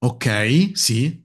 Ok, sì,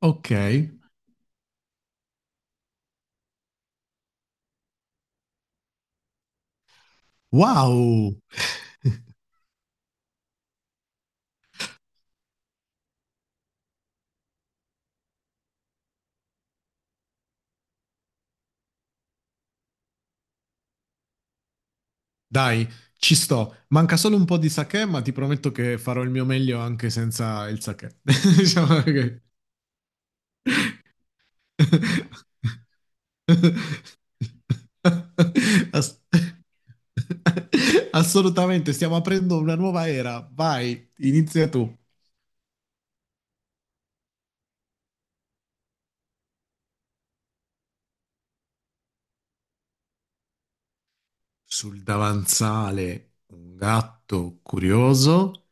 ok. Wow! Dai, ci sto. Manca solo un po' di sake, ma ti prometto che farò il mio meglio anche senza il sake. Diciamo che... Ass- Assolutamente, stiamo aprendo una nuova era. Vai, inizia tu. Sul davanzale un gatto curioso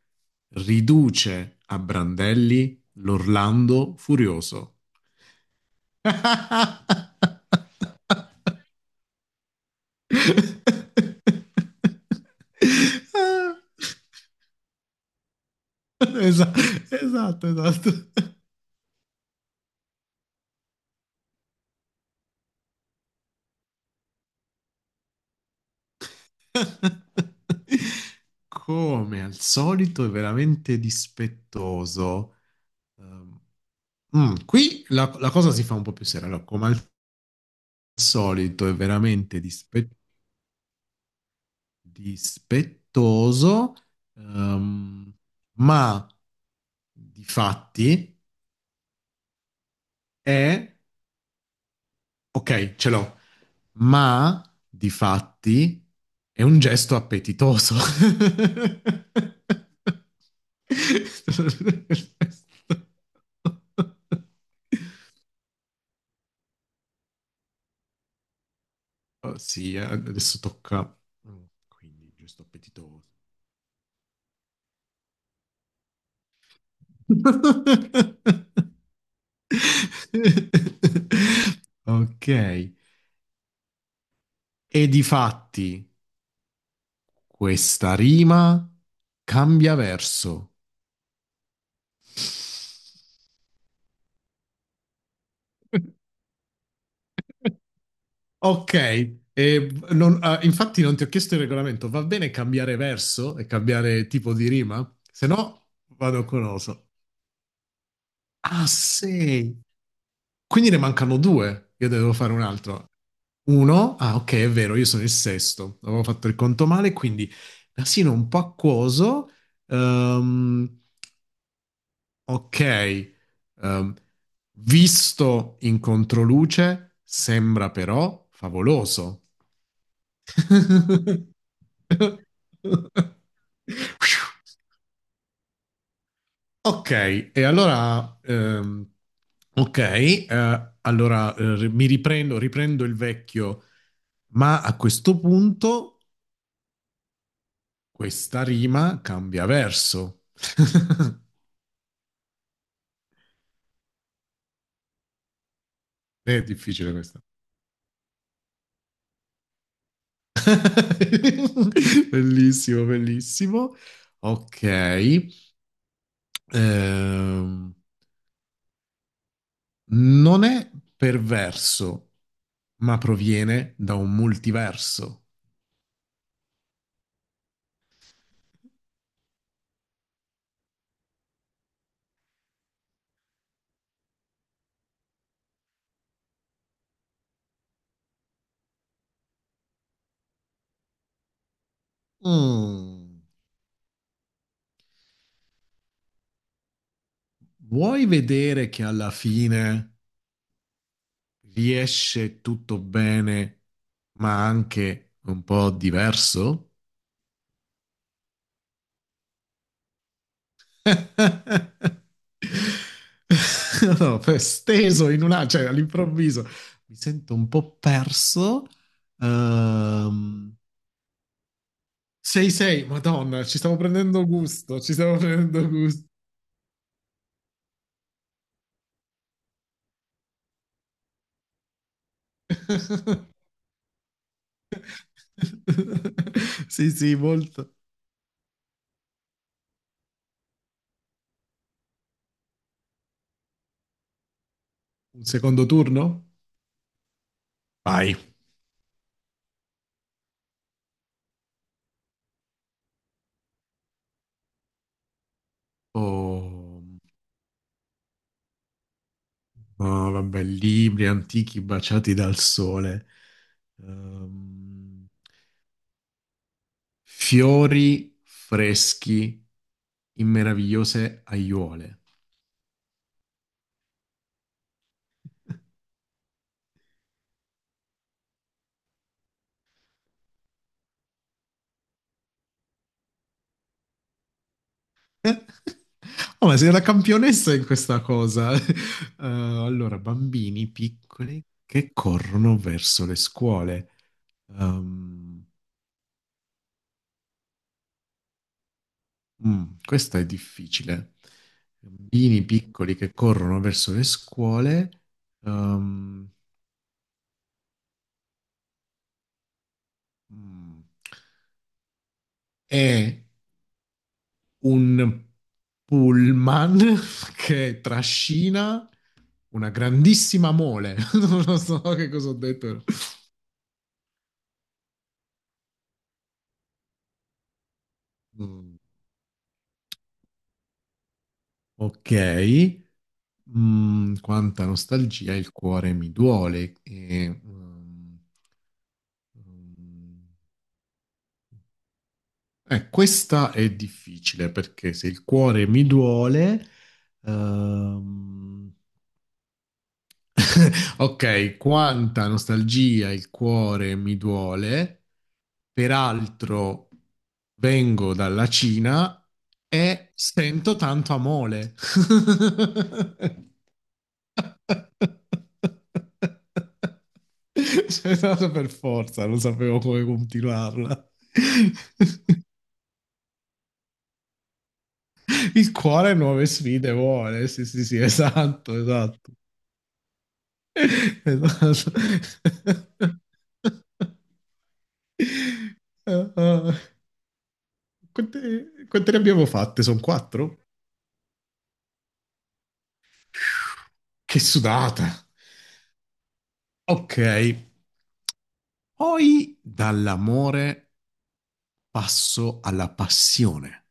riduce a brandelli l'Orlando furioso. Esa- Esatto, esatto. Come al solito è veramente dispettoso. Ehm, qui la cosa si fa un po' più seria. Allora, come al solito è veramente dispettoso, ehm, ma di fatti è... Ok, ce l'ho, ma di fatti è un gesto appetitoso. Oh, sì, adesso tocca... Quindi, gesto appetitoso. Ok, e difatti questa rima cambia verso. Ok, infatti non ti ho chiesto il regolamento, va bene cambiare verso e cambiare tipo di rima? Se no vado con oso. Ah, sei. Quindi ne mancano due. Io devo fare un altro. Uno, ah, ok, è vero, io sono il sesto. Avevo fatto il conto male, quindi nasino un po' acquoso. Ehm, ok, Ehm, visto in controluce, sembra però favoloso. Ok, e allora, ok, allora mi riprendo, riprendo il vecchio, ma a questo punto questa rima cambia verso. È difficile questa. Bellissimo, bellissimo. Ok, ehm, non è perverso, ma proviene da un multiverso. Mm. Vuoi vedere che alla fine riesce tutto bene, ma anche un po' diverso? No, steso in una, cioè all'improvviso mi sento un po' perso. Ehm, 6-6, Madonna, ci stiamo prendendo gusto, ci stiamo prendendo gusto. Sì, sì, molto. Un secondo turno? Vai. Oh. Ah, vabbè, libri antichi baciati dal sole, Ehm, fiori freschi in meravigliose aiuole. Oh, ma sei una campionessa in questa cosa. Allora, bambini piccoli che corrono verso le scuole. Ehm, questa è difficile. Bambini piccoli che corrono verso le scuole. Ehm, mm. È un pullman che trascina una grandissima mole. Non lo so che cosa ho detto. Mm, ok. Mm, quanta nostalgia, il cuore mi duole. Mm, questa è difficile perché se il cuore mi duole, ehm, ok, quanta nostalgia il cuore mi duole, peraltro vengo dalla Cina e sento tanto amore. C'è stato per forza, non sapevo come continuarla. Il cuore nuove sfide vuole, sì, sì, sì, esatto, esatto. Esatto. Ah, ah. Quante ne abbiamo fatte? Sono quattro? Che sudata! Ok, poi dall'amore passo alla passione.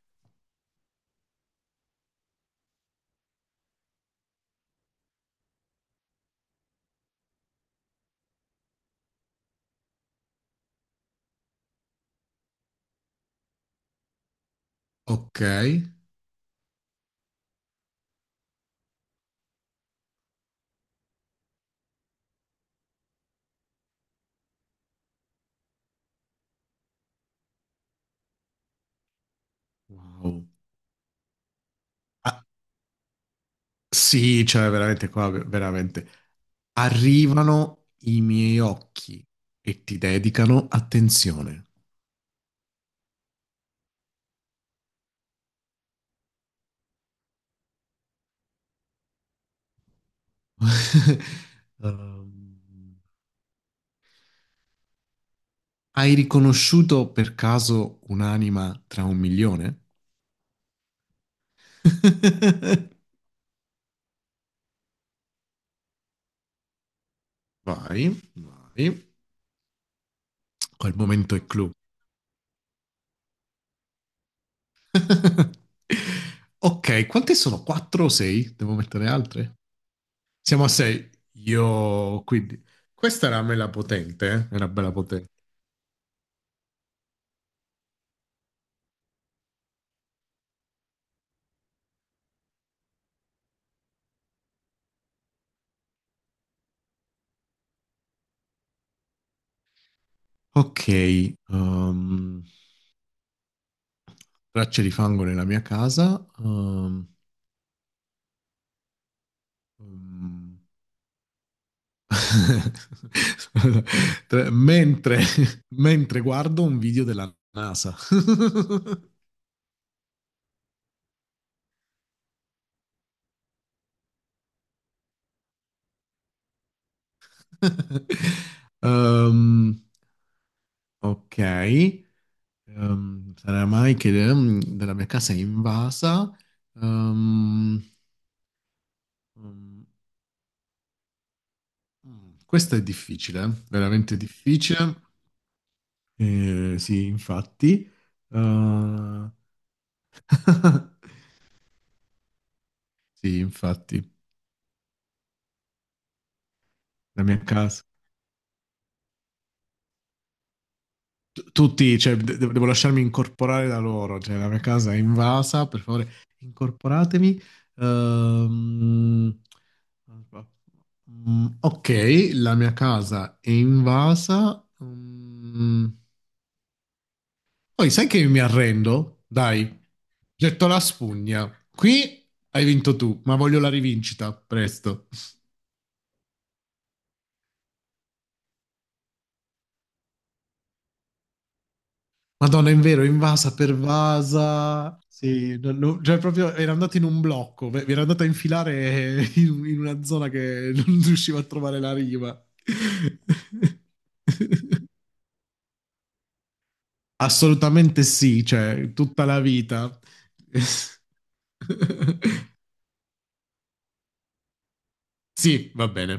Ok. Wow. Ah, sì, cioè veramente qua, veramente. Arrivano i miei occhi e ti dedicano attenzione. Ehm, hai riconosciuto per caso un'anima tra un milione? Vai, vai. Quel momento è clou. Ok, quante sono? Quattro o sei? Devo mettere altre? Siamo a sei. Io, quindi... Questa era mela potente, eh? Era bella potente. Ok, tracce di fango nella mia casa. Um, Tre- mentre, mentre guardo un video della NASA. Ehm, ok, sarà mai che della mia casa è invasa. Ehm, mm, questa è difficile, veramente difficile. Sì, infatti. Eh, sì, infatti, la mia casa. Tutti, cioè, devo lasciarmi incorporare da loro, cioè, la mia casa è invasa, per favore, incorporatemi. Ehm, ok, la mia casa è invasa. Mm, poi sai che mi arrendo? Dai, getto la spugna. Qui hai vinto tu, ma voglio la rivincita, presto. Madonna, in vero, invasa, pervasa. Sì, cioè proprio era andata in un blocco, era andata a infilare in, in una zona che non riusciva a trovare la riva. Assolutamente sì, cioè, tutta la vita. Sì, va bene.